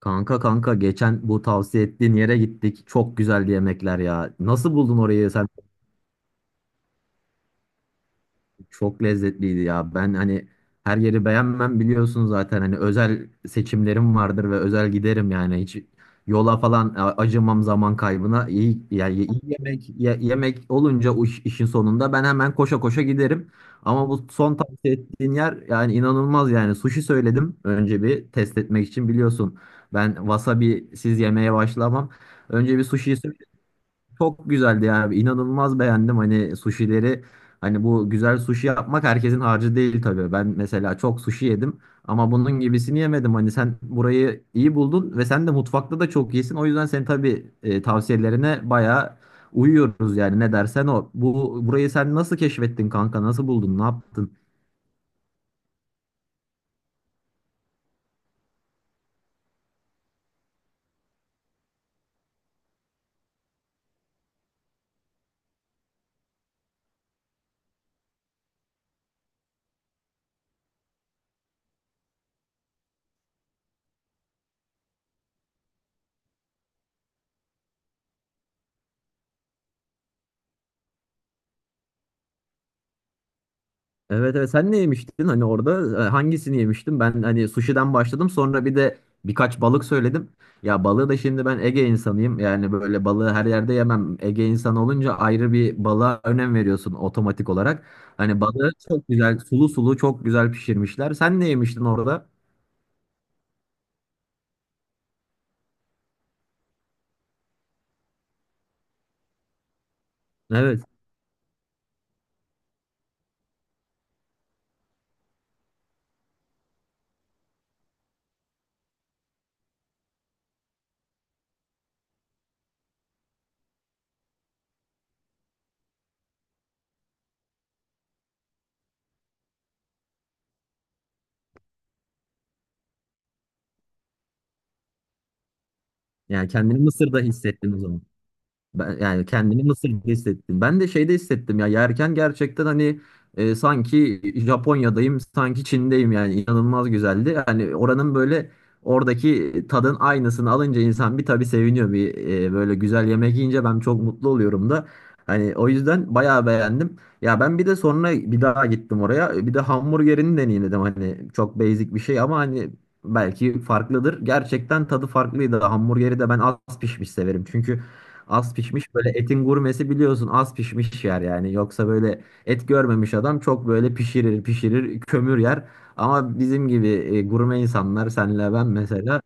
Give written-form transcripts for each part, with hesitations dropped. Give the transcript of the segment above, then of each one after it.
Kanka, geçen bu tavsiye ettiğin yere gittik. Çok güzel yemekler ya. Nasıl buldun orayı? Sen çok lezzetliydi ya. Ben her yeri beğenmem biliyorsun zaten. Hani özel seçimlerim vardır ve özel giderim yani. Hiç yola falan acımam zaman kaybına. İyi, yani iyi yemek olunca o işin sonunda ben hemen koşa koşa giderim. Ama bu son tavsiye ettiğin yer yani inanılmaz yani. Sushi söyledim önce bir test etmek için biliyorsun. Ben wasabi siz yemeye başlamam. Önce bir sushi çok güzeldi ya. Abi. İnanılmaz beğendim hani suşileri. Hani bu güzel suşi yapmak herkesin harcı değil tabii. Ben mesela çok suşi yedim ama bunun gibisini yemedim. Hani sen burayı iyi buldun ve sen de mutfakta da çok iyisin. O yüzden senin tabii tavsiyelerine bayağı uyuyoruz yani ne dersen o. Bu burayı sen nasıl keşfettin kanka? Nasıl buldun? Ne yaptın? Evet, evet, sen ne yemiştin hani orada hangisini yemiştin? Ben hani sushi'den başladım, sonra bir de birkaç balık söyledim. Ya balığı da şimdi ben Ege insanıyım. Yani böyle balığı her yerde yemem. Ege insanı olunca ayrı bir balığa önem veriyorsun otomatik olarak. Hani balığı çok güzel sulu sulu çok güzel pişirmişler. Sen ne yemiştin orada? Evet. Yani kendini Mısır'da hissettin o zaman. Ben, yani kendimi Mısır'da hissettim. Ben de şeyde hissettim ya, yerken gerçekten hani sanki Japonya'dayım, sanki Çin'deyim, yani inanılmaz güzeldi. Yani oranın böyle oradaki tadın aynısını alınca insan bir tabii seviniyor. Bir böyle güzel yemek yiyince ben çok mutlu oluyorum da. Hani o yüzden bayağı beğendim. Ya ben bir de sonra bir daha gittim oraya. Bir de hamburgerini deneyimledim. Hani çok basic bir şey ama hani belki farklıdır. Gerçekten tadı farklıydı. Hamburgeri de ben az pişmiş severim. Çünkü az pişmiş böyle etin gurmesi biliyorsun az pişmiş yer yani. Yoksa böyle et görmemiş adam çok böyle pişirir pişirir kömür yer. Ama bizim gibi gurme insanlar, senle ben mesela,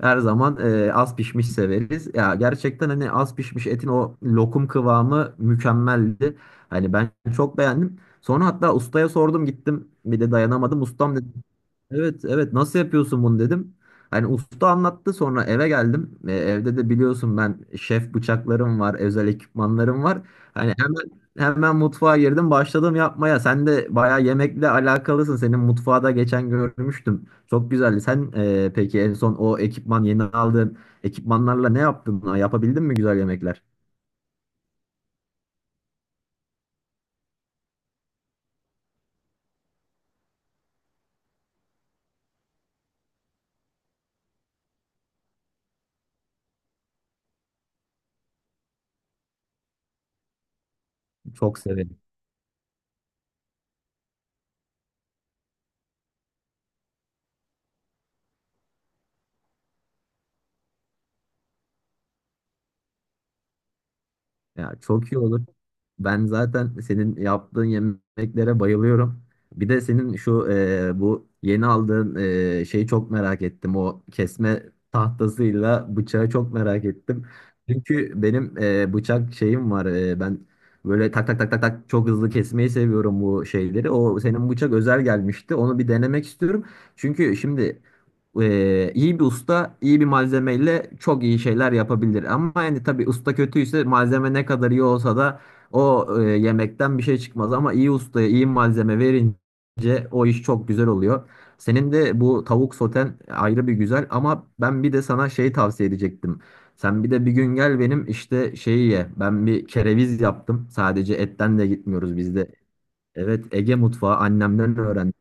her zaman az pişmiş severiz. Ya gerçekten hani az pişmiş etin o lokum kıvamı mükemmeldi. Hani ben çok beğendim. Sonra hatta ustaya sordum, gittim bir de dayanamadım. Ustam dedi evet, evet nasıl yapıyorsun bunu dedim. Hani usta anlattı, sonra eve geldim. E, evde de biliyorsun ben şef bıçaklarım var, özel ekipmanlarım var. Hani hemen mutfağa girdim, başladım yapmaya. Sen de bayağı yemekle alakalısın. Senin mutfağı da geçen görmüştüm. Çok güzeldi. Sen peki en son o ekipman yeni aldığın ekipmanlarla ne yaptın? Yapabildin mi güzel yemekler? Çok severim. Ya çok iyi olur. Ben zaten senin yaptığın yemeklere bayılıyorum. Bir de senin şu bu yeni aldığın şeyi çok merak ettim. O kesme tahtasıyla bıçağı çok merak ettim. Çünkü benim bıçak şeyim var. E, ben böyle tak tak tak tak tak çok hızlı kesmeyi seviyorum bu şeyleri. O senin bıçak özel gelmişti. Onu bir denemek istiyorum. Çünkü şimdi iyi bir usta, iyi bir malzemeyle çok iyi şeyler yapabilir. Ama yani tabii usta kötüyse malzeme ne kadar iyi olsa da o yemekten bir şey çıkmaz. Ama iyi ustaya iyi malzeme verince o iş çok güzel oluyor. Senin de bu tavuk soten ayrı bir güzel ama ben bir de sana şey tavsiye edecektim. Sen bir de bir gün gel benim işte şeyi ye. Ben bir kereviz yaptım. Sadece etten de gitmiyoruz bizde. Evet, Ege mutfağı annemden öğrendim.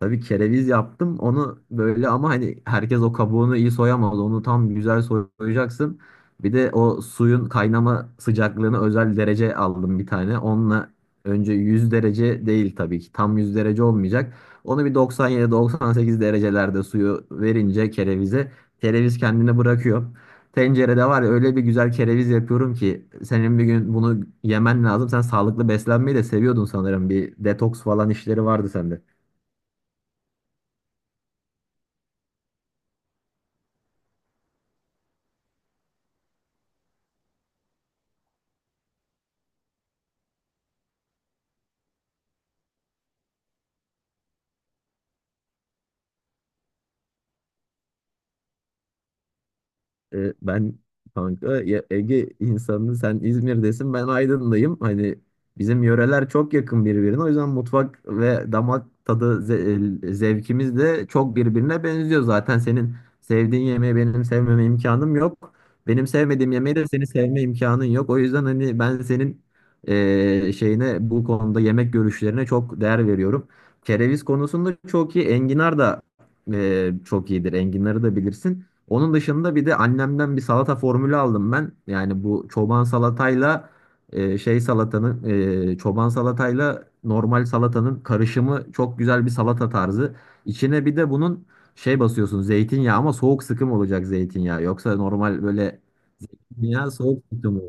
Tabii kereviz yaptım onu böyle ama hani herkes o kabuğunu iyi soyamaz. Onu tam güzel soyacaksın. Bir de o suyun kaynama sıcaklığını özel derece aldım bir tane. Onunla önce 100 derece değil tabii ki. Tam 100 derece olmayacak. Onu bir 97-98 derecelerde suyu verince kerevize kereviz kendini bırakıyor. Tencerede var ya, öyle bir güzel kereviz yapıyorum ki senin bir gün bunu yemen lazım. Sen sağlıklı beslenmeyi de seviyordun sanırım. Bir detoks falan işleri vardı sende. E, ben kanka ya, Ege insanı, sen İzmir'desin, ben Aydın'dayım. Hani bizim yöreler çok yakın birbirine. O yüzden mutfak ve damak tadı zevkimiz de çok birbirine benziyor. Zaten senin sevdiğin yemeği benim sevmeme imkanım yok. Benim sevmediğim yemeği de senin sevme imkanın yok. O yüzden hani ben senin şeyine, bu konuda yemek görüşlerine çok değer veriyorum. Kereviz konusunda çok iyi. Enginar da çok iyidir. Enginarı da bilirsin. Onun dışında bir de annemden bir salata formülü aldım ben. Yani bu çoban salatayla e, şey salatanın çoban salatayla normal salatanın karışımı çok güzel bir salata tarzı. İçine bir de bunun şey basıyorsun, zeytinyağı, ama soğuk sıkım olacak zeytinyağı. Yoksa normal böyle ya soğuk sıkım.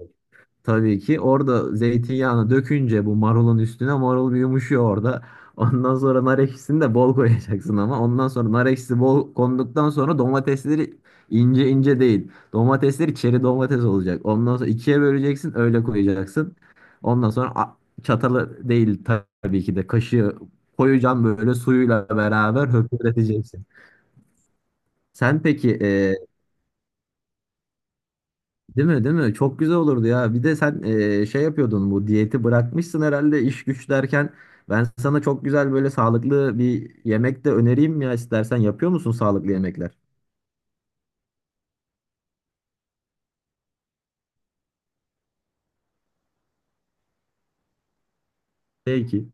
Tabii ki orada zeytinyağını dökünce bu marulun üstüne marul bir yumuşuyor orada. Ondan sonra nar ekşisini de bol koyacaksın ama ondan sonra nar ekşisi bol konduktan sonra domatesleri ince ince değil. Domatesleri çeri domates olacak. Ondan sonra ikiye böleceksin, öyle koyacaksın. Ondan sonra çatalı değil, tabii ki de kaşığı koyacaksın, böyle suyuyla beraber höpürteceksin. Sen peki değil mi, değil mi? Çok güzel olurdu ya. Bir de sen şey yapıyordun, bu diyeti bırakmışsın herhalde iş güç derken. Ben sana çok güzel böyle sağlıklı bir yemek de önereyim ya istersen. Yapıyor musun sağlıklı yemekler? Peki.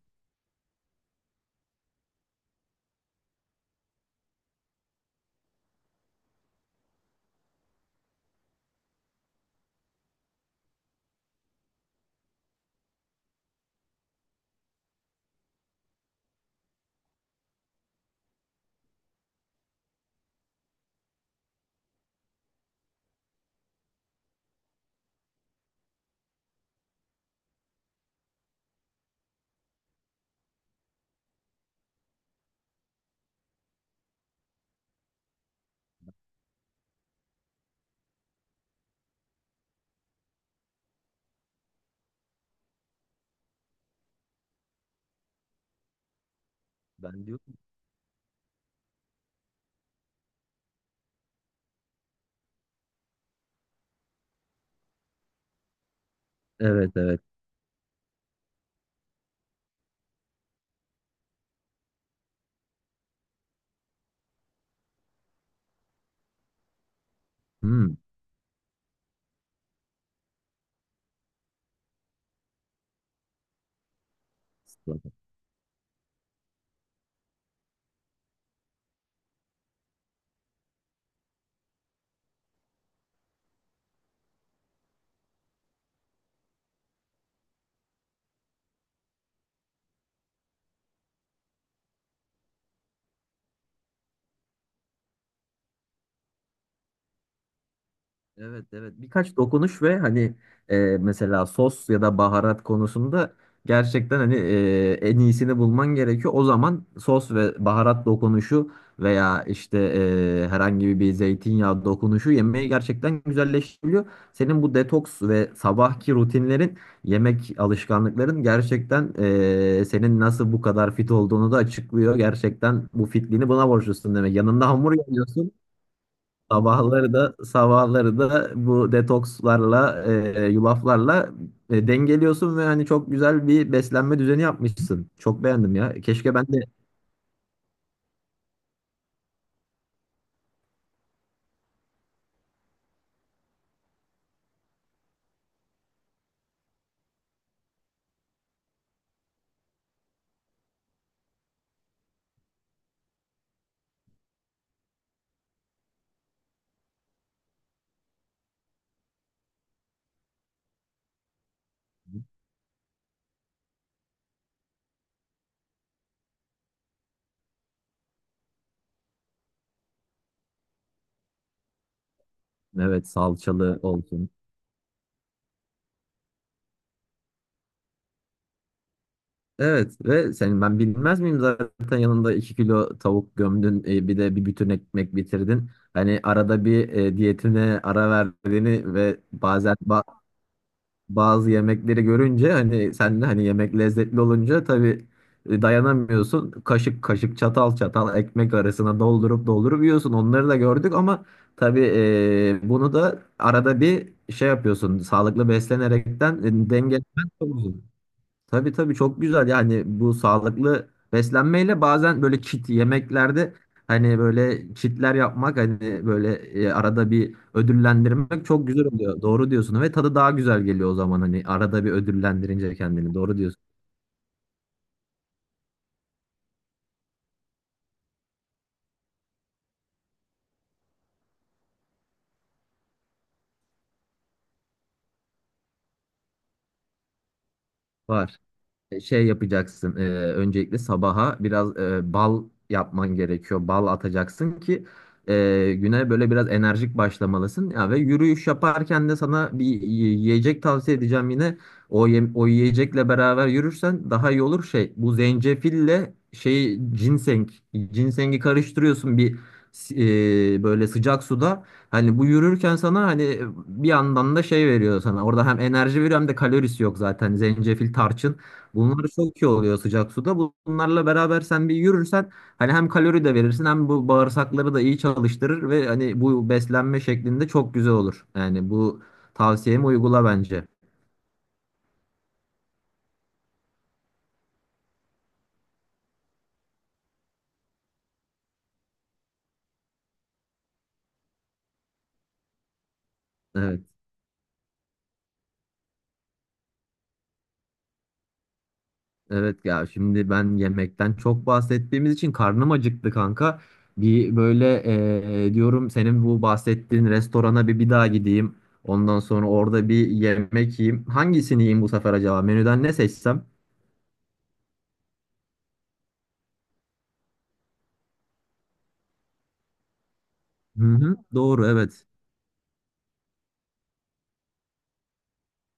Ben diyorum. Evet, evet. Hmm. Evet, evet, birkaç dokunuş ve hani mesela sos ya da baharat konusunda gerçekten hani en iyisini bulman gerekiyor. O zaman sos ve baharat dokunuşu veya işte herhangi bir zeytinyağı dokunuşu yemeği gerçekten güzelleştiriyor. Senin bu detoks ve sabahki rutinlerin, yemek alışkanlıkların gerçekten senin nasıl bu kadar fit olduğunu da açıklıyor. Gerçekten bu fitliğini buna borçlusun demek. Yanında hamur yiyorsun. Sabahları da, sabahları da bu detokslarla, yulaflarla dengeliyorsun ve hani çok güzel bir beslenme düzeni yapmışsın. Çok beğendim ya. Keşke ben de evet, salçalı olsun. Evet, ve senin ben bilmez miyim, zaten yanında 2 kilo tavuk gömdün, bir de bir bütün ekmek bitirdin. Hani arada bir diyetine ara verdiğini ve bazen bazı yemekleri görünce hani sen de hani yemek lezzetli olunca tabii dayanamıyorsun. Kaşık kaşık, çatal çatal ekmek arasına doldurup doldurup yiyorsun. Onları da gördük ama tabii bunu da arada bir şey yapıyorsun. Sağlıklı beslenerekten dengelemen çok zor. Tabii, tabii, çok güzel yani bu sağlıklı beslenmeyle bazen böyle kit yemeklerde hani böyle kitler yapmak, hani böyle arada bir ödüllendirmek çok güzel oluyor. Doğru diyorsun ve tadı daha güzel geliyor o zaman, hani arada bir ödüllendirince kendini. Doğru diyorsun. Var. E, şey yapacaksın. Öncelikle sabaha biraz bal yapman gerekiyor. Bal atacaksın ki güne böyle biraz enerjik başlamalısın. Ya ve yürüyüş yaparken de sana bir yiyecek tavsiye edeceğim yine. O yiyecekle beraber yürürsen daha iyi olur şey. Bu zencefille şey ginseng, ginsengi karıştırıyorsun bir s- böyle sıcak suda. Hani bu yürürken sana hani bir yandan da şey veriyor sana. Orada hem enerji veriyor hem de kalorisi yok zaten. Zencefil, tarçın. Bunlar çok iyi oluyor sıcak suda. Bunlarla beraber sen bir yürürsen hani hem kalori de verirsin hem bu bağırsakları da iyi çalıştırır ve hani bu beslenme şeklinde çok güzel olur. Yani bu tavsiyemi uygula bence. Evet. Evet ya, şimdi ben yemekten çok bahsettiğimiz için karnım acıktı kanka. Bir böyle diyorum senin bu bahsettiğin restorana bir daha gideyim. Ondan sonra orada bir yemek yiyeyim. Hangisini yiyeyim bu sefer acaba? Menüden ne seçsem? Hı hı, doğru, evet.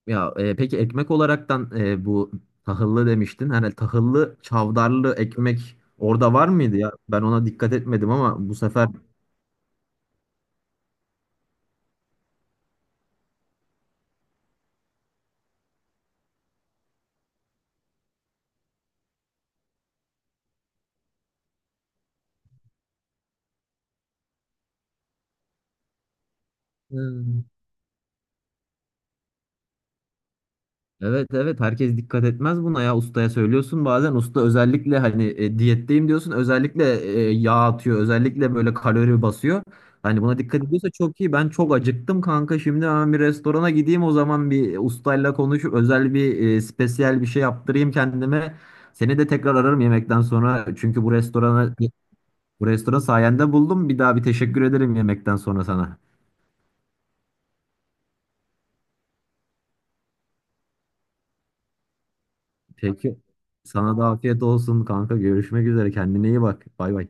Ya peki ekmek olaraktan bu tahıllı demiştin. Hani tahıllı çavdarlı ekmek orada var mıydı ya? Ben ona dikkat etmedim ama bu sefer hmm. Evet, evet, herkes dikkat etmez buna ya, ustaya söylüyorsun bazen usta özellikle hani diyetteyim diyorsun özellikle yağ atıyor, özellikle böyle kalori basıyor. Hani buna dikkat ediyorsa çok iyi. Ben çok acıktım kanka, şimdi hemen bir restorana gideyim o zaman, bir ustayla konuşup özel bir spesiyel bir şey yaptırayım kendime. Seni de tekrar ararım yemekten sonra çünkü bu restoran sayende buldum, bir daha bir teşekkür ederim yemekten sonra sana. Peki, sana da afiyet olsun kanka, görüşmek üzere, kendine iyi bak, bay bay.